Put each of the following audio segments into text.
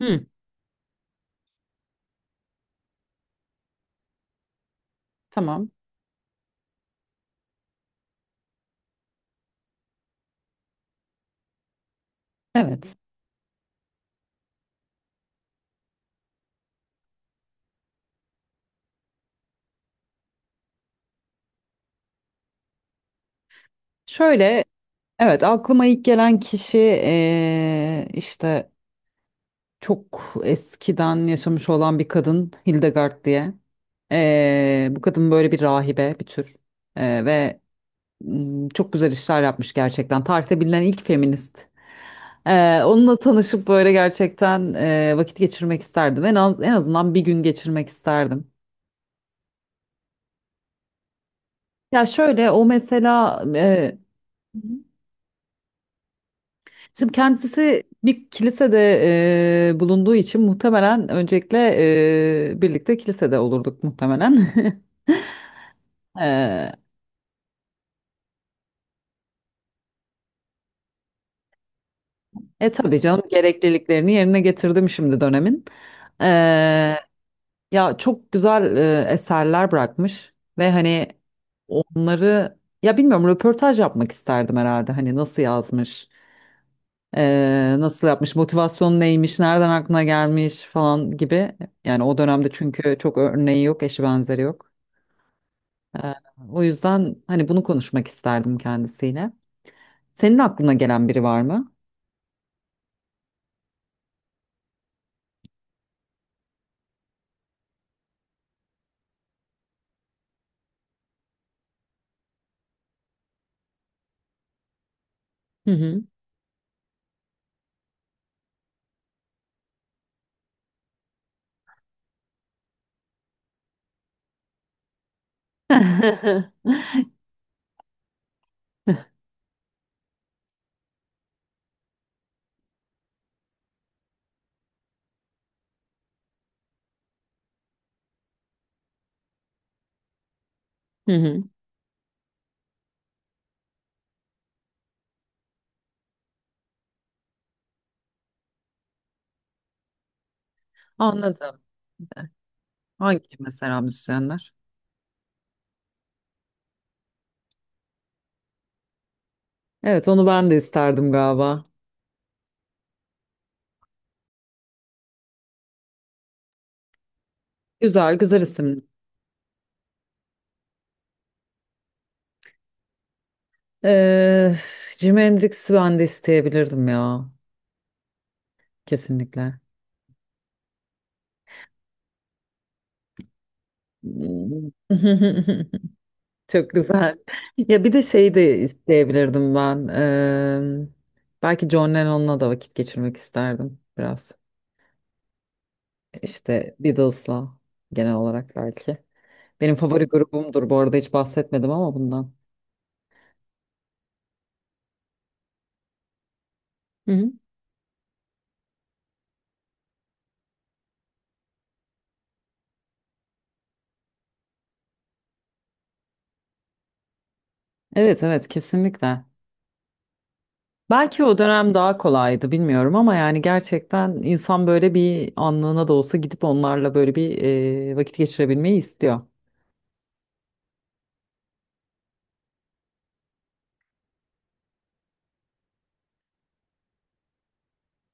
Hı. Tamam. Evet. Şöyle, evet aklıma ilk gelen kişi işte çok eskiden yaşamış olan bir kadın Hildegard diye. Bu kadın böyle bir rahibe, bir tür. Ve çok güzel işler yapmış gerçekten. Tarihte bilinen ilk feminist. Onunla tanışıp böyle gerçekten vakit geçirmek isterdim. En azından bir gün geçirmek isterdim. Ya şöyle o mesela. Şimdi kendisi bir kilisede bulunduğu için muhtemelen öncelikle birlikte kilisede olurduk muhtemelen. E, tabii canım, gerekliliklerini yerine getirdim şimdi dönemin. E, ya çok güzel eserler bırakmış ve hani onları, ya bilmiyorum, röportaj yapmak isterdim herhalde. Hani nasıl yazmış, nasıl yapmış, motivasyonu neymiş, nereden aklına gelmiş falan gibi. Yani o dönemde çünkü çok örneği yok, eşi benzeri yok. Ee, o yüzden hani bunu konuşmak isterdim kendisiyle. Senin aklına gelen biri var mı? Hı hı. Hı hı. Anladım. Hangi mesela? Müzisyenler? Evet, onu ben de isterdim galiba. Güzel güzel isim. Ee, Jimi Hendrix'i ben de isteyebilirdim ya. Kesinlikle. Çok güzel. Ya bir de şey de isteyebilirdim ben. Belki John Lennon'la da vakit geçirmek isterdim biraz. İşte Beatles'la genel olarak belki. Benim favori grubumdur bu arada, hiç bahsetmedim ama bundan. Hı hı. Evet, evet, kesinlikle. Belki o dönem daha kolaydı, bilmiyorum, ama yani gerçekten insan böyle bir anlığına da olsa gidip onlarla böyle bir vakit geçirebilmeyi istiyor.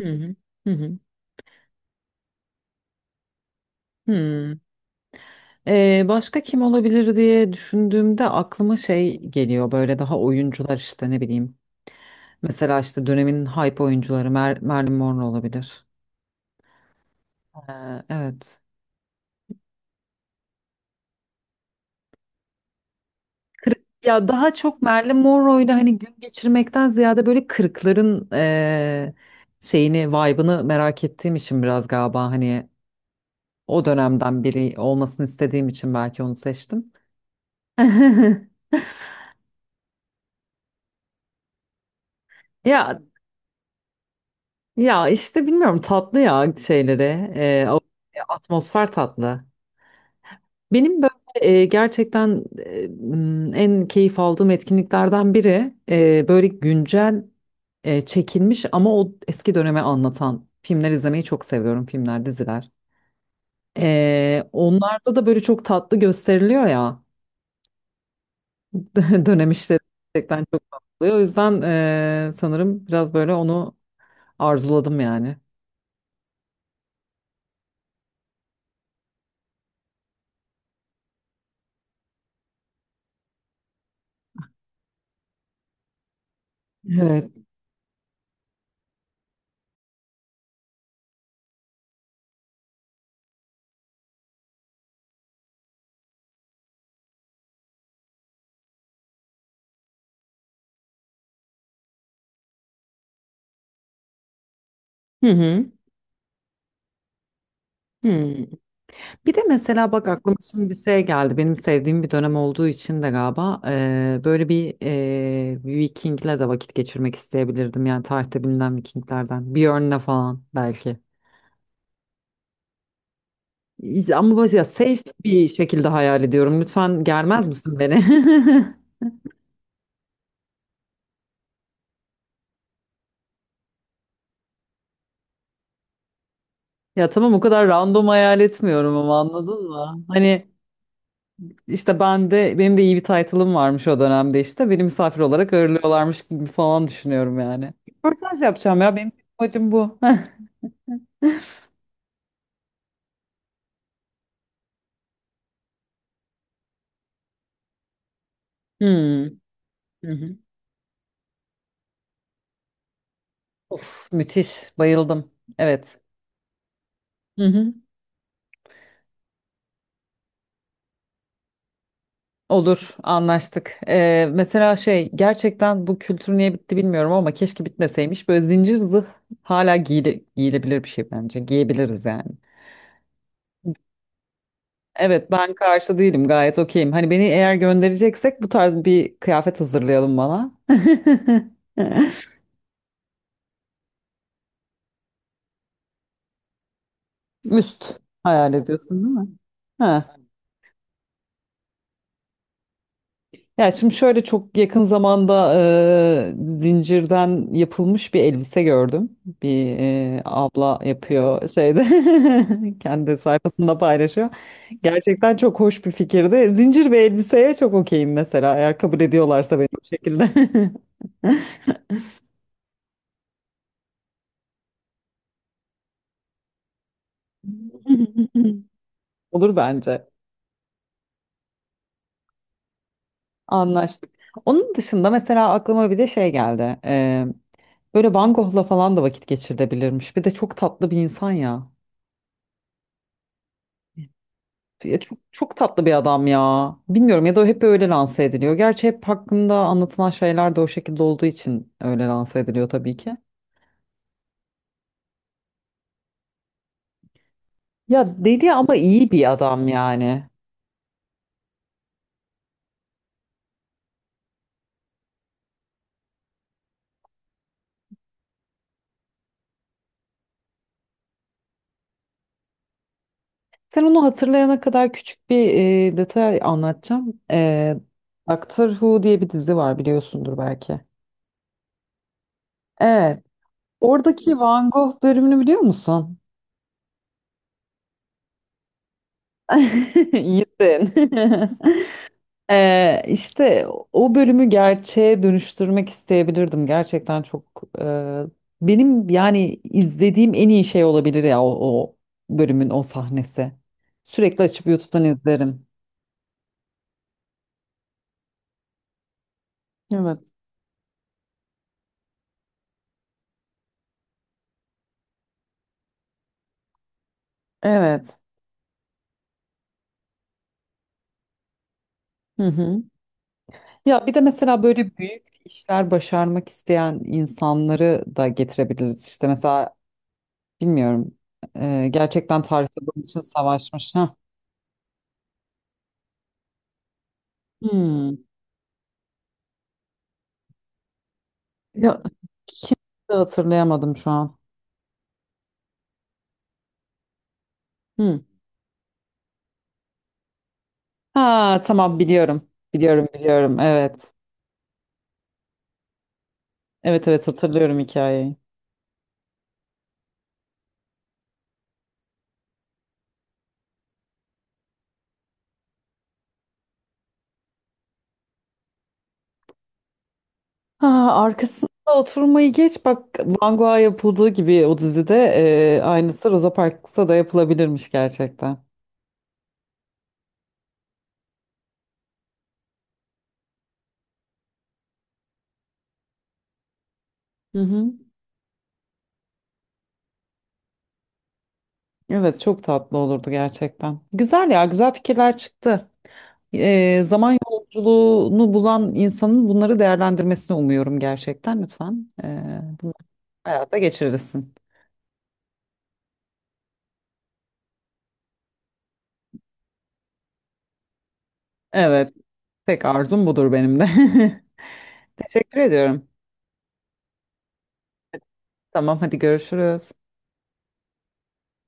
Hı hı. Hı hı. Hmm. Başka kim olabilir diye düşündüğümde aklıma şey geliyor, böyle daha oyuncular işte, ne bileyim. Mesela işte dönemin hype oyuncuları, Marilyn Monroe olabilir. Ee, evet. Ya daha çok Marilyn Monroe'yla hani gün geçirmekten ziyade böyle kırkların şeyini, vibe'ını merak ettiğim için biraz galiba, hani o dönemden biri olmasını istediğim için belki onu seçtim. Ya Ya işte bilmiyorum, tatlı ya şeyleri. Ee, o- atmosfer tatlı. Benim böyle gerçekten en keyif aldığım etkinliklerden biri, böyle güncel çekilmiş ama o eski döneme anlatan filmler izlemeyi çok seviyorum. Filmler, diziler. Onlarda da böyle çok tatlı gösteriliyor ya. Dönem işleri gerçekten çok tatlı oluyor. O yüzden sanırım biraz böyle onu arzuladım yani. Evet. Hı hı. Hı. Bir de mesela bak, aklıma şimdi bir şey geldi. Benim sevdiğim bir dönem olduğu için de galiba böyle bir Viking'le de vakit geçirmek isteyebilirdim. Yani tarihte bilinen Vikinglerden. Björn'le falan belki. Ama böyle ya safe bir şekilde hayal ediyorum. Lütfen germez misin beni? Ya tamam, o kadar random hayal etmiyorum ama, anladın mı? Hani işte ben de, benim de iyi bir title'ım varmış o dönemde işte. Beni misafir olarak ağırlıyorlarmış gibi falan düşünüyorum yani. Röportaj yapacağım ya. Benim amacım bu. Hmm, Hı hı. Of, müthiş. Bayıldım. Evet. Hı hı. Olur, anlaştık. Mesela şey, gerçekten bu kültür niye bitti bilmiyorum ama keşke bitmeseymiş. Böyle zincir zırh hala giyilebilir bir şey bence. Giyebiliriz yani. Evet, ben karşı değilim. Gayet okeyim. Hani beni eğer göndereceksek, bu tarz bir kıyafet hazırlayalım bana. Üst hayal ediyorsun değil mi? Ha. Ya şimdi şöyle, çok yakın zamanda zincirden yapılmış bir elbise gördüm. Bir abla yapıyor şeyde, kendi sayfasında paylaşıyor. Gerçekten çok hoş bir fikirdi. Zincir ve elbiseye çok okeyim mesela, eğer kabul ediyorlarsa beni bu şekilde. Olur bence. Anlaştık. Onun dışında mesela aklıma bir de şey geldi. Böyle Van Gogh'la falan da vakit geçirilebilirmiş. Bir de çok tatlı bir insan ya. Ya çok, çok tatlı bir adam ya. Bilmiyorum, ya da hep öyle lanse ediliyor. Gerçi hep hakkında anlatılan şeyler de o şekilde olduğu için öyle lanse ediliyor tabii ki. Ya deli, ama iyi bir adam yani. Sen onu hatırlayana kadar küçük bir detay anlatacağım. Doctor Who diye bir dizi var, biliyorsundur belki. Evet. Oradaki Van Gogh bölümünü biliyor musun? İyisin. İşte o bölümü gerçeğe dönüştürmek isteyebilirdim. Gerçekten çok benim yani izlediğim en iyi şey olabilir ya, o bölümün o sahnesi. Sürekli açıp YouTube'dan izlerim. Evet. Evet. Hı hı. Ya bir de mesela böyle büyük işler başarmak isteyen insanları da getirebiliriz. İşte mesela, bilmiyorum, gerçekten tarihte bunun için savaşmış. Ha. Hmm. Ya, kimse, hatırlayamadım şu an. Hı. Ha tamam, biliyorum. Biliyorum, biliyorum, evet. Evet, evet, hatırlıyorum hikayeyi. Ha, arkasında oturmayı geç, bak Van Gogh'a yapıldığı gibi o dizide, aynısı Rosa Parks'ta da yapılabilirmiş gerçekten. Hı hı. Evet, çok tatlı olurdu gerçekten. Güzel ya, güzel fikirler çıktı. Zaman yolculuğunu bulan insanın bunları değerlendirmesini umuyorum gerçekten, lütfen. Bunları hayata geçirirsin. Evet, tek arzum budur benim de. Teşekkür ediyorum. Tamam, hadi görüşürüz.